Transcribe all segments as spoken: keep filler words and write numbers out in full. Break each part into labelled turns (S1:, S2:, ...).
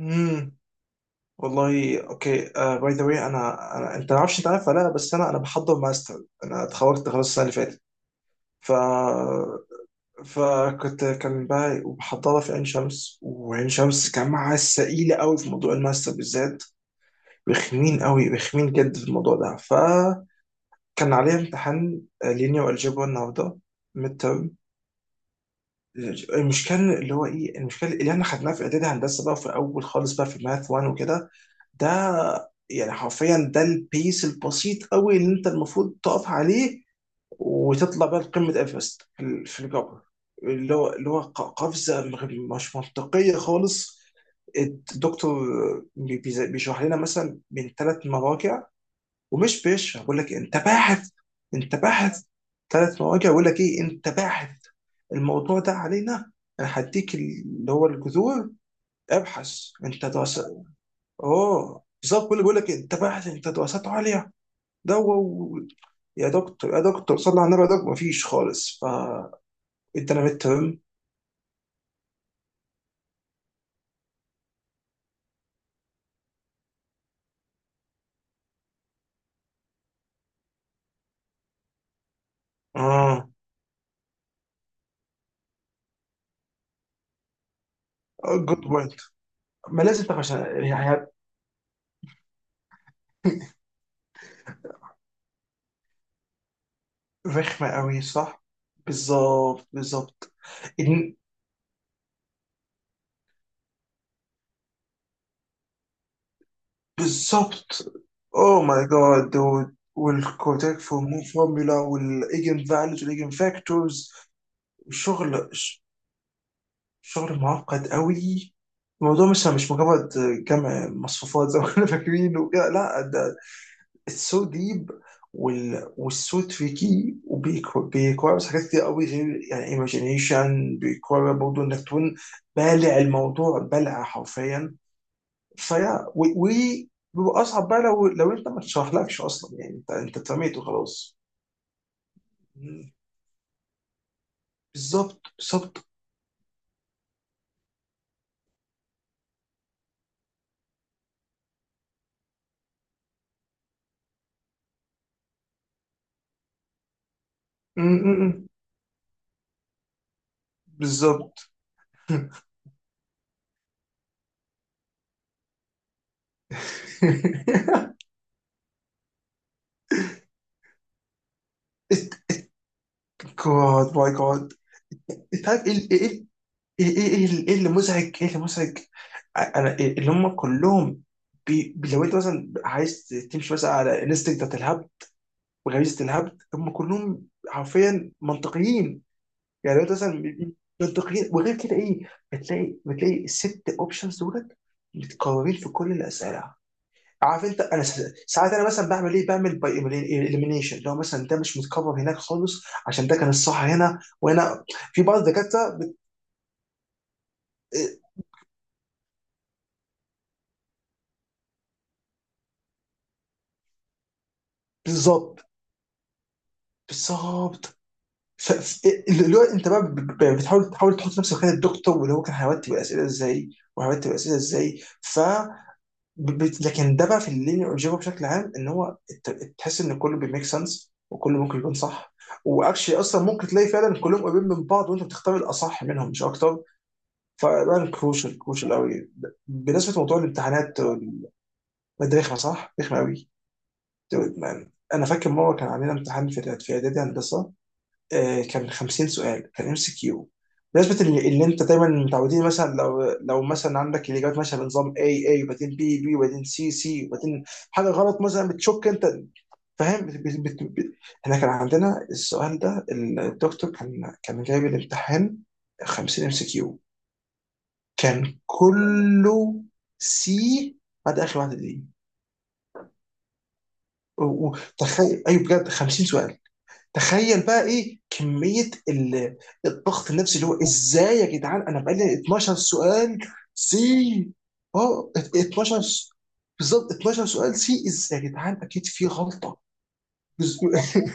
S1: امم والله، اوكي. باي ذا واي، انا انا انت ما اعرفش انت عارف ولا لا، بس انا انا بحضر ماستر، انا اتخرجت خلاص السنه اللي فاتت. ف فكنت كان بقى وبحضرها في عين شمس، وعين شمس جامعه ثقيله قوي في موضوع الماستر بالذات، رخمين قوي، رخمين جد في الموضوع ده. فكان عليا امتحان آه، لينيا والجبر النهارده، ميد المشكله اللي هو ايه المشكله اللي احنا خدناها في اعدادي هندسه بقى، في اول خالص بقى، في ماث واحد وكده. ده يعني حرفيا ده البيس البسيط قوي اللي انت المفروض تقف عليه وتطلع بقى لقمه ايفرست في ال- في الجبر، اللي هو اللي هو ق- قفزه مغ- مش منطقيه خالص. الدكتور بي- بيز- بيشرح لنا مثلا من ثلاث مراجع، ومش بيشرح. بقول لك إيه، انت باحث، انت باحث. ثلاث مواجع. بقول لك ايه، انت باحث، الموضوع ده علينا، انا هديك اللي هو الجذور، ابحث انت دراسات. اه بالظبط، كل بيقول لك إيه، انت باحث، انت دراسات عليا. ده و... يا دكتور، يا دكتور، صلى على النبي يا دكتور، مفيش خالص. فانت انا ميد ترم. اه، جود بوينت، ما لازم تبقى عشان يعني. رخمه قوي، صح. بالظبط، بالظبط، بالظبط. اوه ماي جاد دود، والكوتاك فورمول فورمولا، والايجن فاليوز والايجن فاكتورز. شغل ش- شغل معقد قوي. الموضوع مش مش مجرد جمع مصفوفات زي ما احنا فاكرين وكده، لا ده اتس سو ديب، والسو تريكي، وبيكويرز حاجات كتير قوي، غير يعني ايماجينيشن بيكوير برضه انك تكون بالع الموضوع بلع حرفيا فيا و و- بيبقى اصعب بقى لو لو انت ما تشرحلكش اصلا، يعني انت انت اترميت وخلاص. مم. بالظبط، بالظبط. مم، مم، مم. بالظبط. جاد ماي جاد. انت عارف ايه، ايه، ايه، ايه؟ ايه اللي إيه اللي مزعج ايه اللي مزعج؟ انا إيه اللي هم كلهم؟ بي بي- لو انت مثلا عايز تمشي مثلا على انستنكت بتاعت الهبد وغريزه الهبد، هم كلهم حرفيا منطقيين. يعني هو مثلا بيبقى منطقيين، وغير كده ايه، بتلاقي بتلاقي الست اوبشنز دولت متكررين في كل الاسئله. عارف انت، انا س- ساعات انا مثلا بعمل ايه، بعمل باي اليمينيشن، لو مثلا ده مش متكرر هناك خالص عشان ده كان الصح هنا وهنا. في بعض الدكاتره بت- بالظبط، بالظبط. ف- ف- اللي هو انت بقى ب- ب- بتحاول تحاول تحط نفسك مكان الدكتور، واللي هو كان هيرتب الاسئله ازاي وهيرتب الاسئله ازاي. ف ب- ب- لكن ده بقى في اللينير الجبر بشكل عام، ان هو الت- تحس ان كله بيميك سنس وكله ممكن يكون صح. واكشلي اصلا ممكن تلاقي فعلا كلهم قريبين من بعض، وانت بتختار الاصح منهم مش اكتر. فبقى كروشال، كروشال قوي. بالنسبه لموضوع الامتحانات وال- ده رخمه صح؟ رخمه قوي. انا فاكر مره كان عندنا امتحان في في اعدادي هندسه. آه، كان خمسين سؤال، كان ام سي كيو. بالنسبه اللي, اللي انت دايما متعودين، مثلا لو لو مثلا عندك الاجابات ماشيه بنظام اي اي وبعدين بي بي وبعدين سي سي وبعدين حاجه غلط مثلا، بتشك انت فاهم بت- بت- بت- بت- احنا كان عندنا السؤال ده، الدكتور كان كان جايب الامتحان خمسين ام سي كيو، كان كله سي بعد اخر واحده دي. و- وتخيل، ايوه بجد، خمسين سؤال. تخيل بقى ايه كمية ال- الضغط النفسي، اللي هو ازاي يا جدعان انا بقالي اتناشر سؤال سي. اه اتناشر س- بالظبط، اتناشر سؤال سي، ازاي يا جدعان، اكيد في غلطة. بس-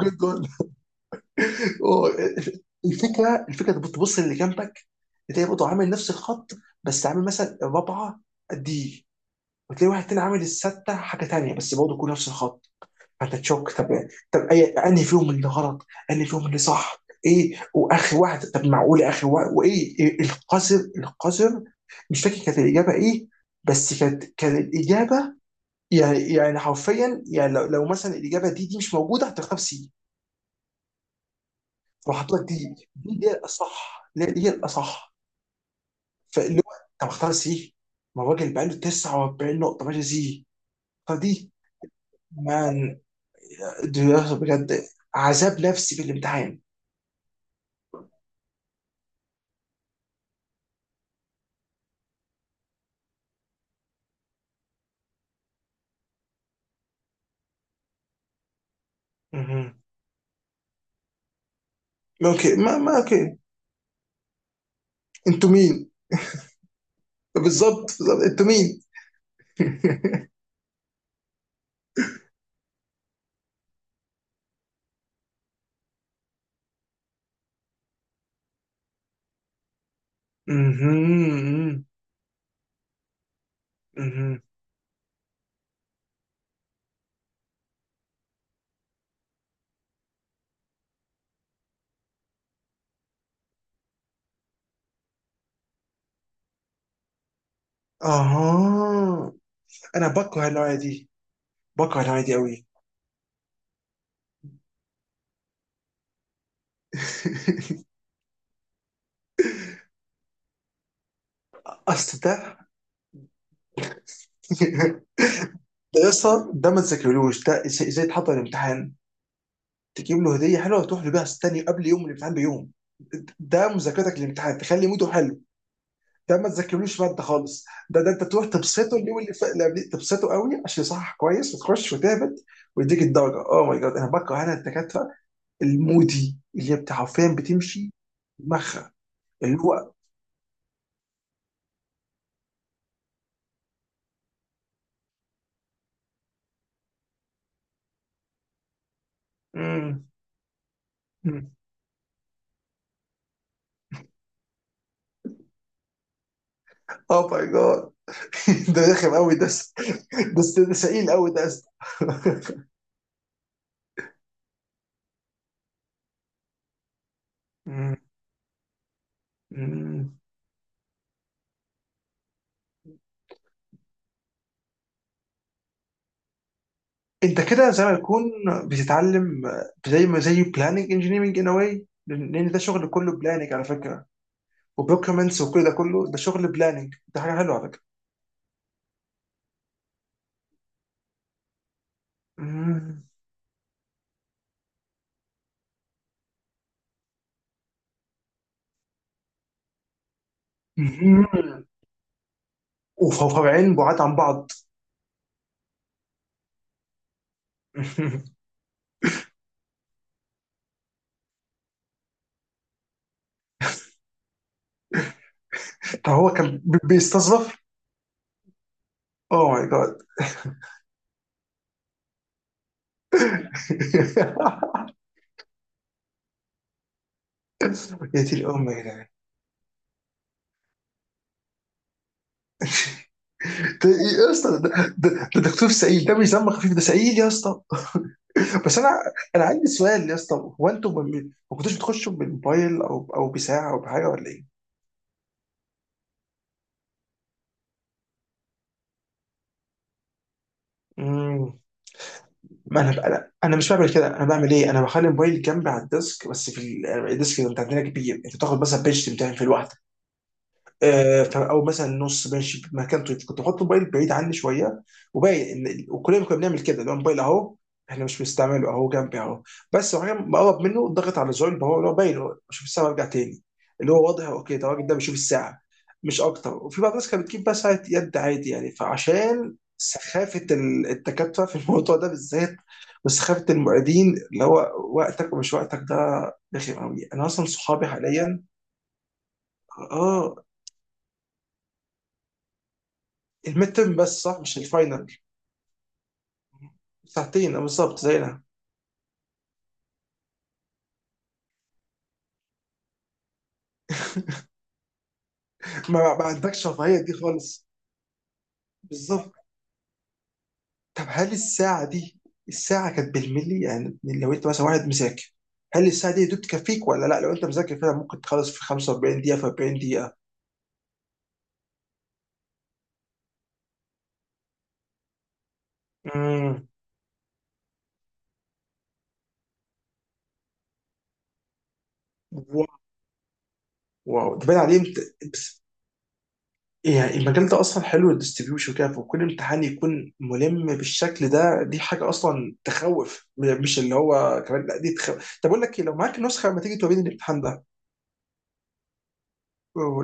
S1: جد والله. آه، الفكرة، الفكرة انت بتبص اللي جنبك، بتلاقي برضه عامل نفس الخط، بس عامل مثلا الرابعة دي، وتلاقي واحد تاني عامل الستة حاجة تانية، بس برضه كله نفس الخط. هتتشوك. طب طب اي انهي فيهم اللي غلط، انهي فيهم اللي صح، ايه واخر واحد، طب معقول اخر واحد، وايه، إيه القذر القذر. مش فاكر كانت الاجابه ايه، بس كانت كانت الاجابه، يعني يعني حرفيا يعني، لو, لو مثلا الاجابه دي دي مش موجوده، هتختار سي، وحط لك دي دي اللي هي الاصح، اللي هي- اللي هي الاصح. فاللي هو، طب اختار سي، ما الراجل بقى له تسعه واربعين نقطه ماشي سي، فدي مان. دي بجد عذاب نفسي في الامتحان. اوكي، ما ما اوكي، انتوا مين؟ بالظبط، بالظبط، انتوا مين؟ مهم. مهم. اها، انا بكره النوعيه دي، بكره النوعيه دي قوي. اصل ده. ده يسطا، ده ما تذاكرلوش، ده ازاي إزاي تحضر الامتحان؟ تجيب له هديه حلوه وتروح له بيها، تاني قبل يوم الامتحان بيوم، ده مذاكرتك للامتحان، تخلي موده حلو. ده ما تذاكرلوش ماده خالص. ده ده انت تروح تبسطه اليوم اللي فات اللي قبليه، تبسطه قوي عشان يصحح كويس، وتخش وتهبط ويديك الدرجه. اوه ماي جاد. انا بكره انا الدكاتره المودي، اللي بتاع حرفيا بتمشي دماغها، اللي هو. مم، مم. اوه ماي جاد. ده رخم قوي، ده س- ده س- ده سئيل قوي ده أصلاً. مم. مم. انت كده زي ما يكون بتتعلم، زي ما، زي بلاننج انجينيرنج ان واي، لان ده شغل كله بلاننج على فكره، وبروكيومنتس، وكل ده كله، ده شغل بلاننج، ده حاجه حلوه على فكره. مم. مم. وفرعين بعاد عن بعض. فهو كان بي- بيستظرف. اوه ماي جاد. يا دي الام يا جدعان. ده- إيه يا اسطى، ده, ده, ده دكتور سعيد، ده مش دم خفيف، ده سعيد يا اسطى. بس انا، انا عندي سؤال يا اسطى. هو انتوا ما ما كنتوش بتخشوا بالموبايل او او بساعه او بحاجه ولا ايه؟ ما انا انا انا مش بعمل كده، انا بعمل ايه، انا بخلي الموبايل جنبي على الديسك بس في ال- الديسك اللي انت عندنا كبير، انت تاخد بس البيج بتاعي في الواحده. آه، ف- او مثلا نص ماشي في مكانته، كنت بحط الموبايل بعيد عني شويه، وباقي ال- وكلنا كنا بنعمل كده اللي هو، الموبايل اهو، احنا مش بنستعمله، اهو جنبي اهو. بس وبعدين بقرب منه، ضغط على زرار، اللي هو اللي هو باين هو بشوف الساعه وارجع تاني، اللي هو واضح اوكي ده الراجل ده بيشوف الساعه مش اكتر. وفي بعض الناس كانت بتجيب بقى ساعه يد عادي يعني، فعشان سخافه ال- الدكاتره في الموضوع ده بالذات، وسخافه المعيدين اللي هو وقتك ومش وقتك، ده رخم قوي. انا اصلا صحابي حاليا. اه، الميد ترم بس صح، مش الفاينل. ساعتين، أه، بالظبط زينا. ما, ما عندكش رفاهية دي خالص، بالظبط. طب هل الساعة دي، الساعة كانت بالملي يعني، لو انت مثلا واحد مذاكر، هل الساعة دي يا دوب تكفيك ولا لا؟ لو انت مذاكر فعلا ممكن تخلص في خمسه واربعين دقيقة، في اربعين دقيقة؟ امم واو. واو، ده باين عليه امت... بس- يعني المجال ده اصلا حلو، الديستريبيوشن وكده، وكل امتحان يكون ملم بالشكل ده، دي حاجة اصلا تخوف، م- مش اللي هو كمان، لا دي تخوف. طب اقول لك ايه، لو معاك نسخة ما تيجي توريني الامتحان ده؟ هو